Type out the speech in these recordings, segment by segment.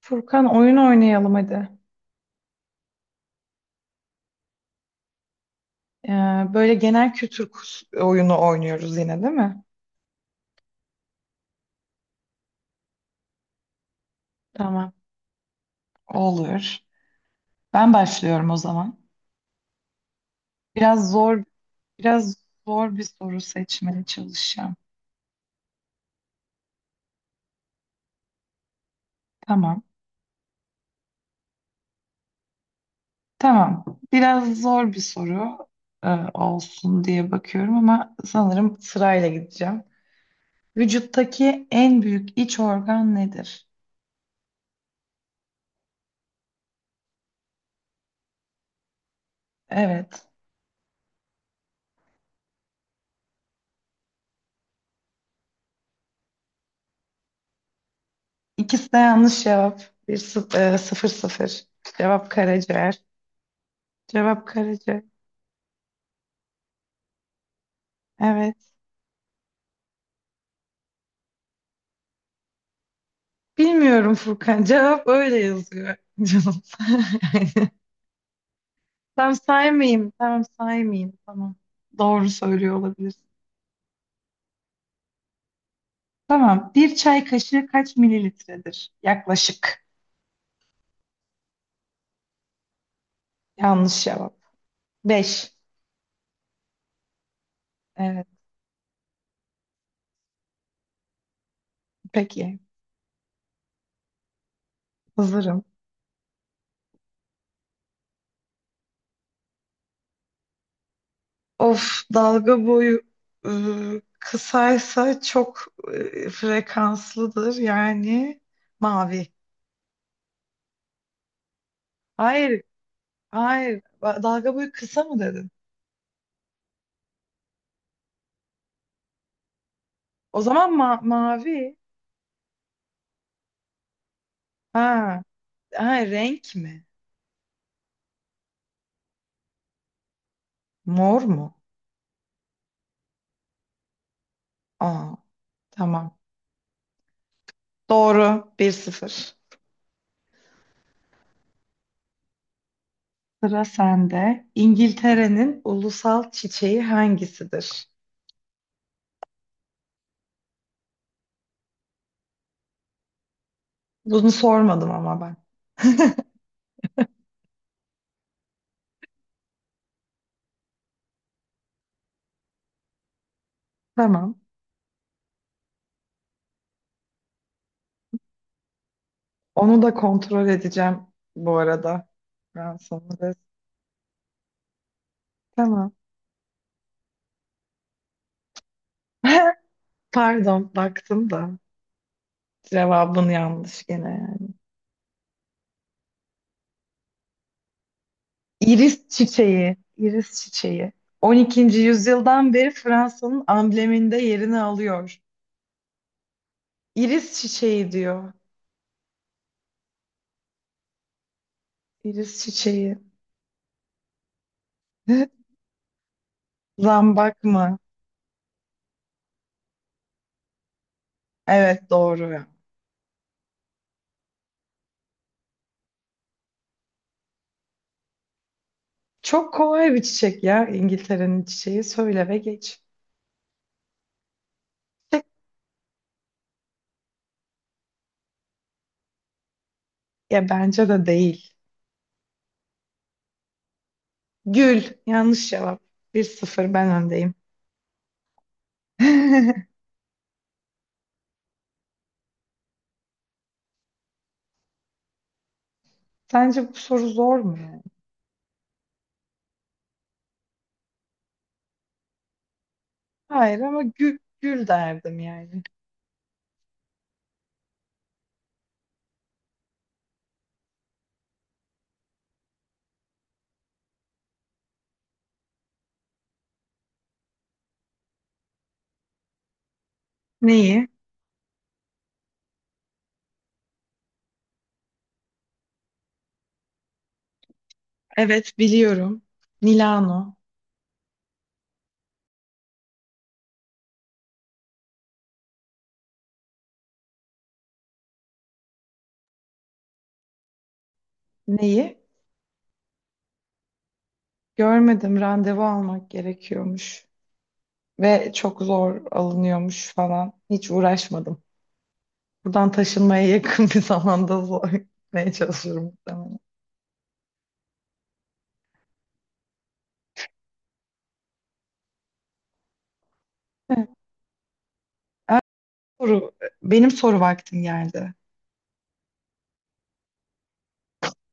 Furkan, oyun oynayalım hadi. Ee, Böyle genel kültür oyunu oynuyoruz yine değil mi? Tamam. Olur. Ben başlıyorum o zaman. Biraz zor, biraz zor bir soru seçmeye çalışacağım. Tamam. Tamam. Biraz zor bir soru e, olsun diye bakıyorum ama sanırım sırayla gideceğim. Vücuttaki en büyük iç organ nedir? Evet. İkisi de yanlış cevap. Sıfır sıfır. Cevap karaciğer. Cevap Karaca. Evet. Bilmiyorum Furkan. Cevap öyle yazıyor. Canım. Yani. Tam saymayayım. Tamam, saymayayım. Tamam. Doğru söylüyor olabilir. Tamam. Bir çay kaşığı kaç mililitredir? Yaklaşık. Yanlış cevap. Beş. Evet. Peki. Hazırım. Of, dalga boyu kısaysa çok frekanslıdır. Yani mavi. Hayır. Hayır. Dalga boyu kısa mı dedin? O zaman mavi. Ha. Ha, renk mi? Mor mu? Aa, tamam. Doğru. Bir sıfır. Sıra sende. İngiltere'nin ulusal çiçeği hangisidir? Bunu sormadım ama ben. Tamam. Onu da kontrol edeceğim bu arada. Ben sana da- Tamam. Pardon, baktım da cevabın yanlış gene. Yani. İris çiçeği, iris çiçeği. 12. yüzyıldan beri Fransa'nın ambleminde yerini alıyor. İris çiçeği diyor. İris çiçeği. Zambak mı? Evet, doğru ya. Çok kolay bir çiçek ya İngiltere'nin çiçeği. Söyle ve geç. Çiçek, ya bence de değil. Gül. Yanlış cevap. Bir sıfır, ben öndeyim. Sence bu soru zor mu yani? Hayır, ama gül, gül derdim yani. Neyi? Evet, biliyorum. Milano. Neyi? Görmedim. Randevu almak gerekiyormuş. Ve çok zor alınıyormuş falan. Hiç uğraşmadım. Buradan taşınmaya yakın bir zamanda zor gitmeye çalışıyorum muhtemelen. Evet, soru. Benim soru vaktim geldi.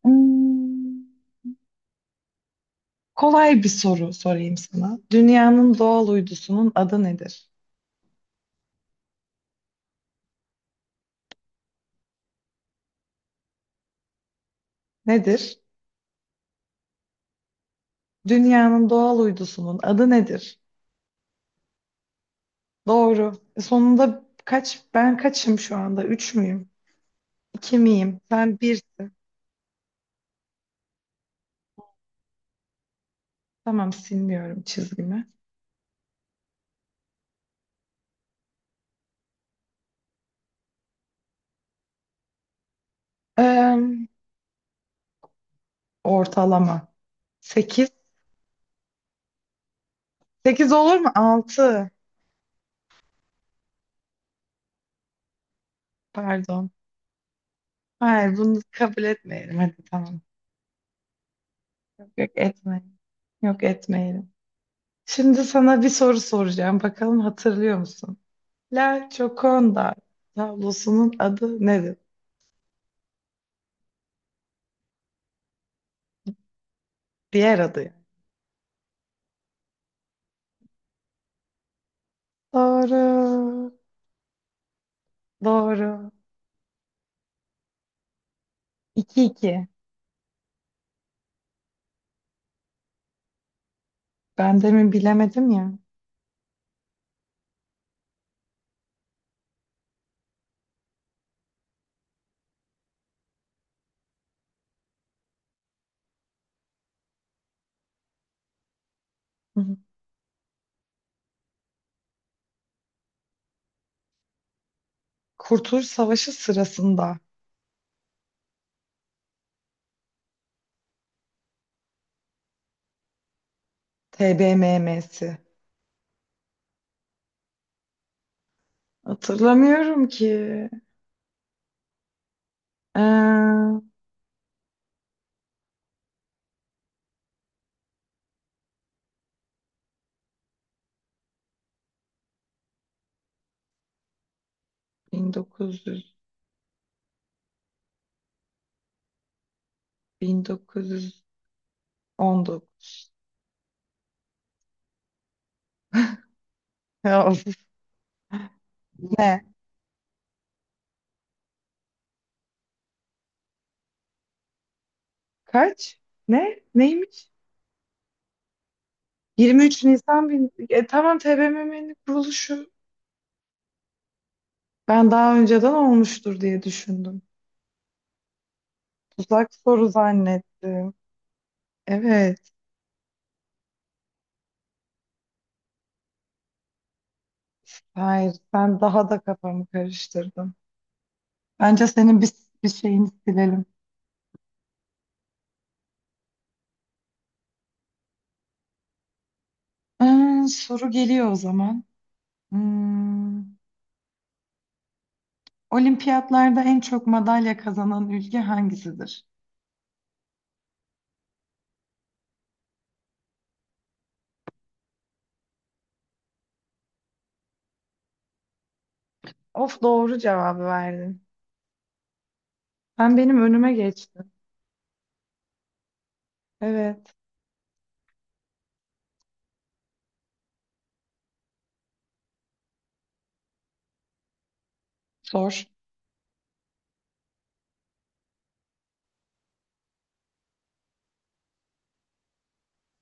Hmm, kolay bir soru sorayım sana. Dünyanın doğal uydusunun adı nedir? Nedir? Dünyanın doğal uydusunun adı nedir? Doğru. Sonunda kaç, ben kaçım şu anda? Üç müyüm? İki miyim? Sen birsin. Tamam, silmiyorum çizgimi. Eee, Ortalama. Sekiz, 8 olur mu? 6, pardon. Hayır, bunu kabul etmeyelim. Hadi tamam. Yok, yok etmeyelim. Yok etmeyelim. Şimdi sana bir soru soracağım. Bakalım hatırlıyor musun? La Gioconda tablosunun adı nedir? Diğer adı yani. Doğru. Doğru. 2 iki. Ben demin bilemedim ya. Hı hı. Kurtuluş Savaşı sırasında TBMM'si hatırlamıyorum ki. Ee, 1900, 1919. Ya, ne? Kaç? Ne? Neymiş? 23 Nisan E, tamam TBMM'nin kuruluşu. Ben daha önceden olmuştur diye düşündüm. Tuzak soru zannettim. Evet. Hayır. Ben daha da kafamı karıştırdım. Bence senin bir şeyini silelim. Soru geliyor o zaman. Hmm. Olimpiyatlarda en çok madalya kazanan ülke hangisidir? Of, doğru cevabı verdin. Sen benim önüme geçtin. Evet. Sor.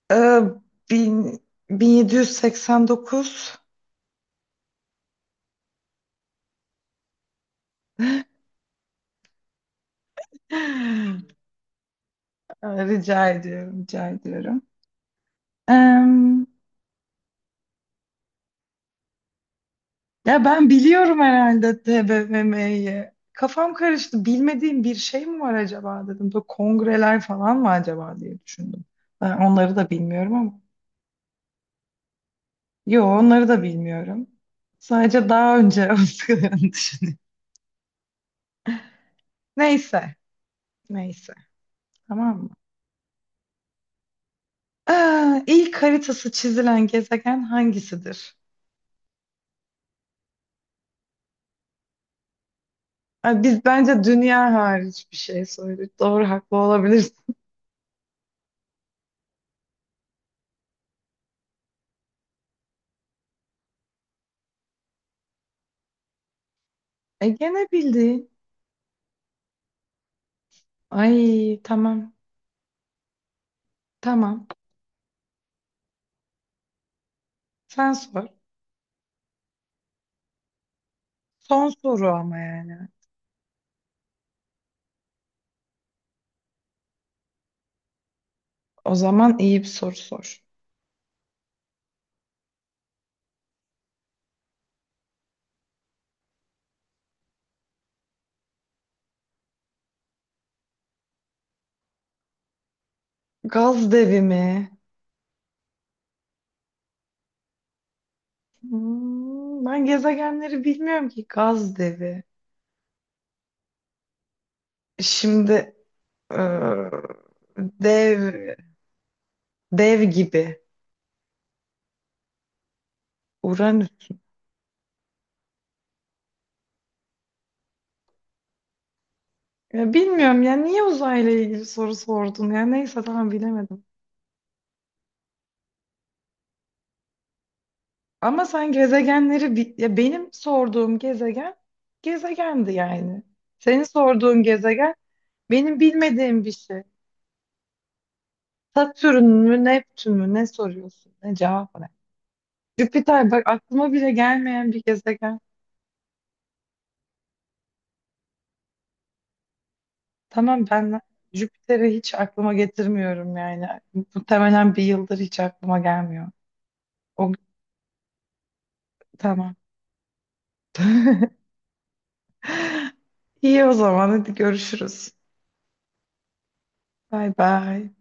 Ee, bin, 1789. Aa, rica ediyorum, rica ediyorum. Em, Ya ben biliyorum herhalde TBMM'yi. Kafam karıştı. Bilmediğim bir şey mi var acaba dedim. Böyle kongreler falan mı acaba diye düşündüm. Ben onları da bilmiyorum ama. Yo, onları da bilmiyorum. Sadece daha önce olduklarını düşünüyorum. Neyse. Neyse. Tamam mı? Aa, ilk haritası çizilen gezegen hangisidir? Ay, biz bence dünya hariç bir şey söyledik. Doğru, haklı olabiliriz. E, gene bildin. Ay tamam. Tamam. Sen sor. Son soru ama yani. O zaman iyi bir soru sor. Gaz devi mi? Hmm, ben gezegenleri bilmiyorum ki. Gaz devi. Şimdi Ee, Dev, dev gibi. Uranüs. Ya bilmiyorum ya, niye uzayla ilgili soru sordun ya, neyse, tamam, bilemedim. Ama sen gezegenleri ya benim sorduğum gezegen gezegendi yani. Senin sorduğun gezegen benim bilmediğim bir şey. Satürn mü, Neptün mü, ne soruyorsun? Ne cevap ne? Jüpiter, bak, aklıma bile gelmeyen bir gezegen. Tamam, ben Jüpiter'i hiç aklıma getirmiyorum yani. Muhtemelen bir yıldır hiç aklıma gelmiyor. O tamam. İyi, o zaman hadi görüşürüz. Bay bay.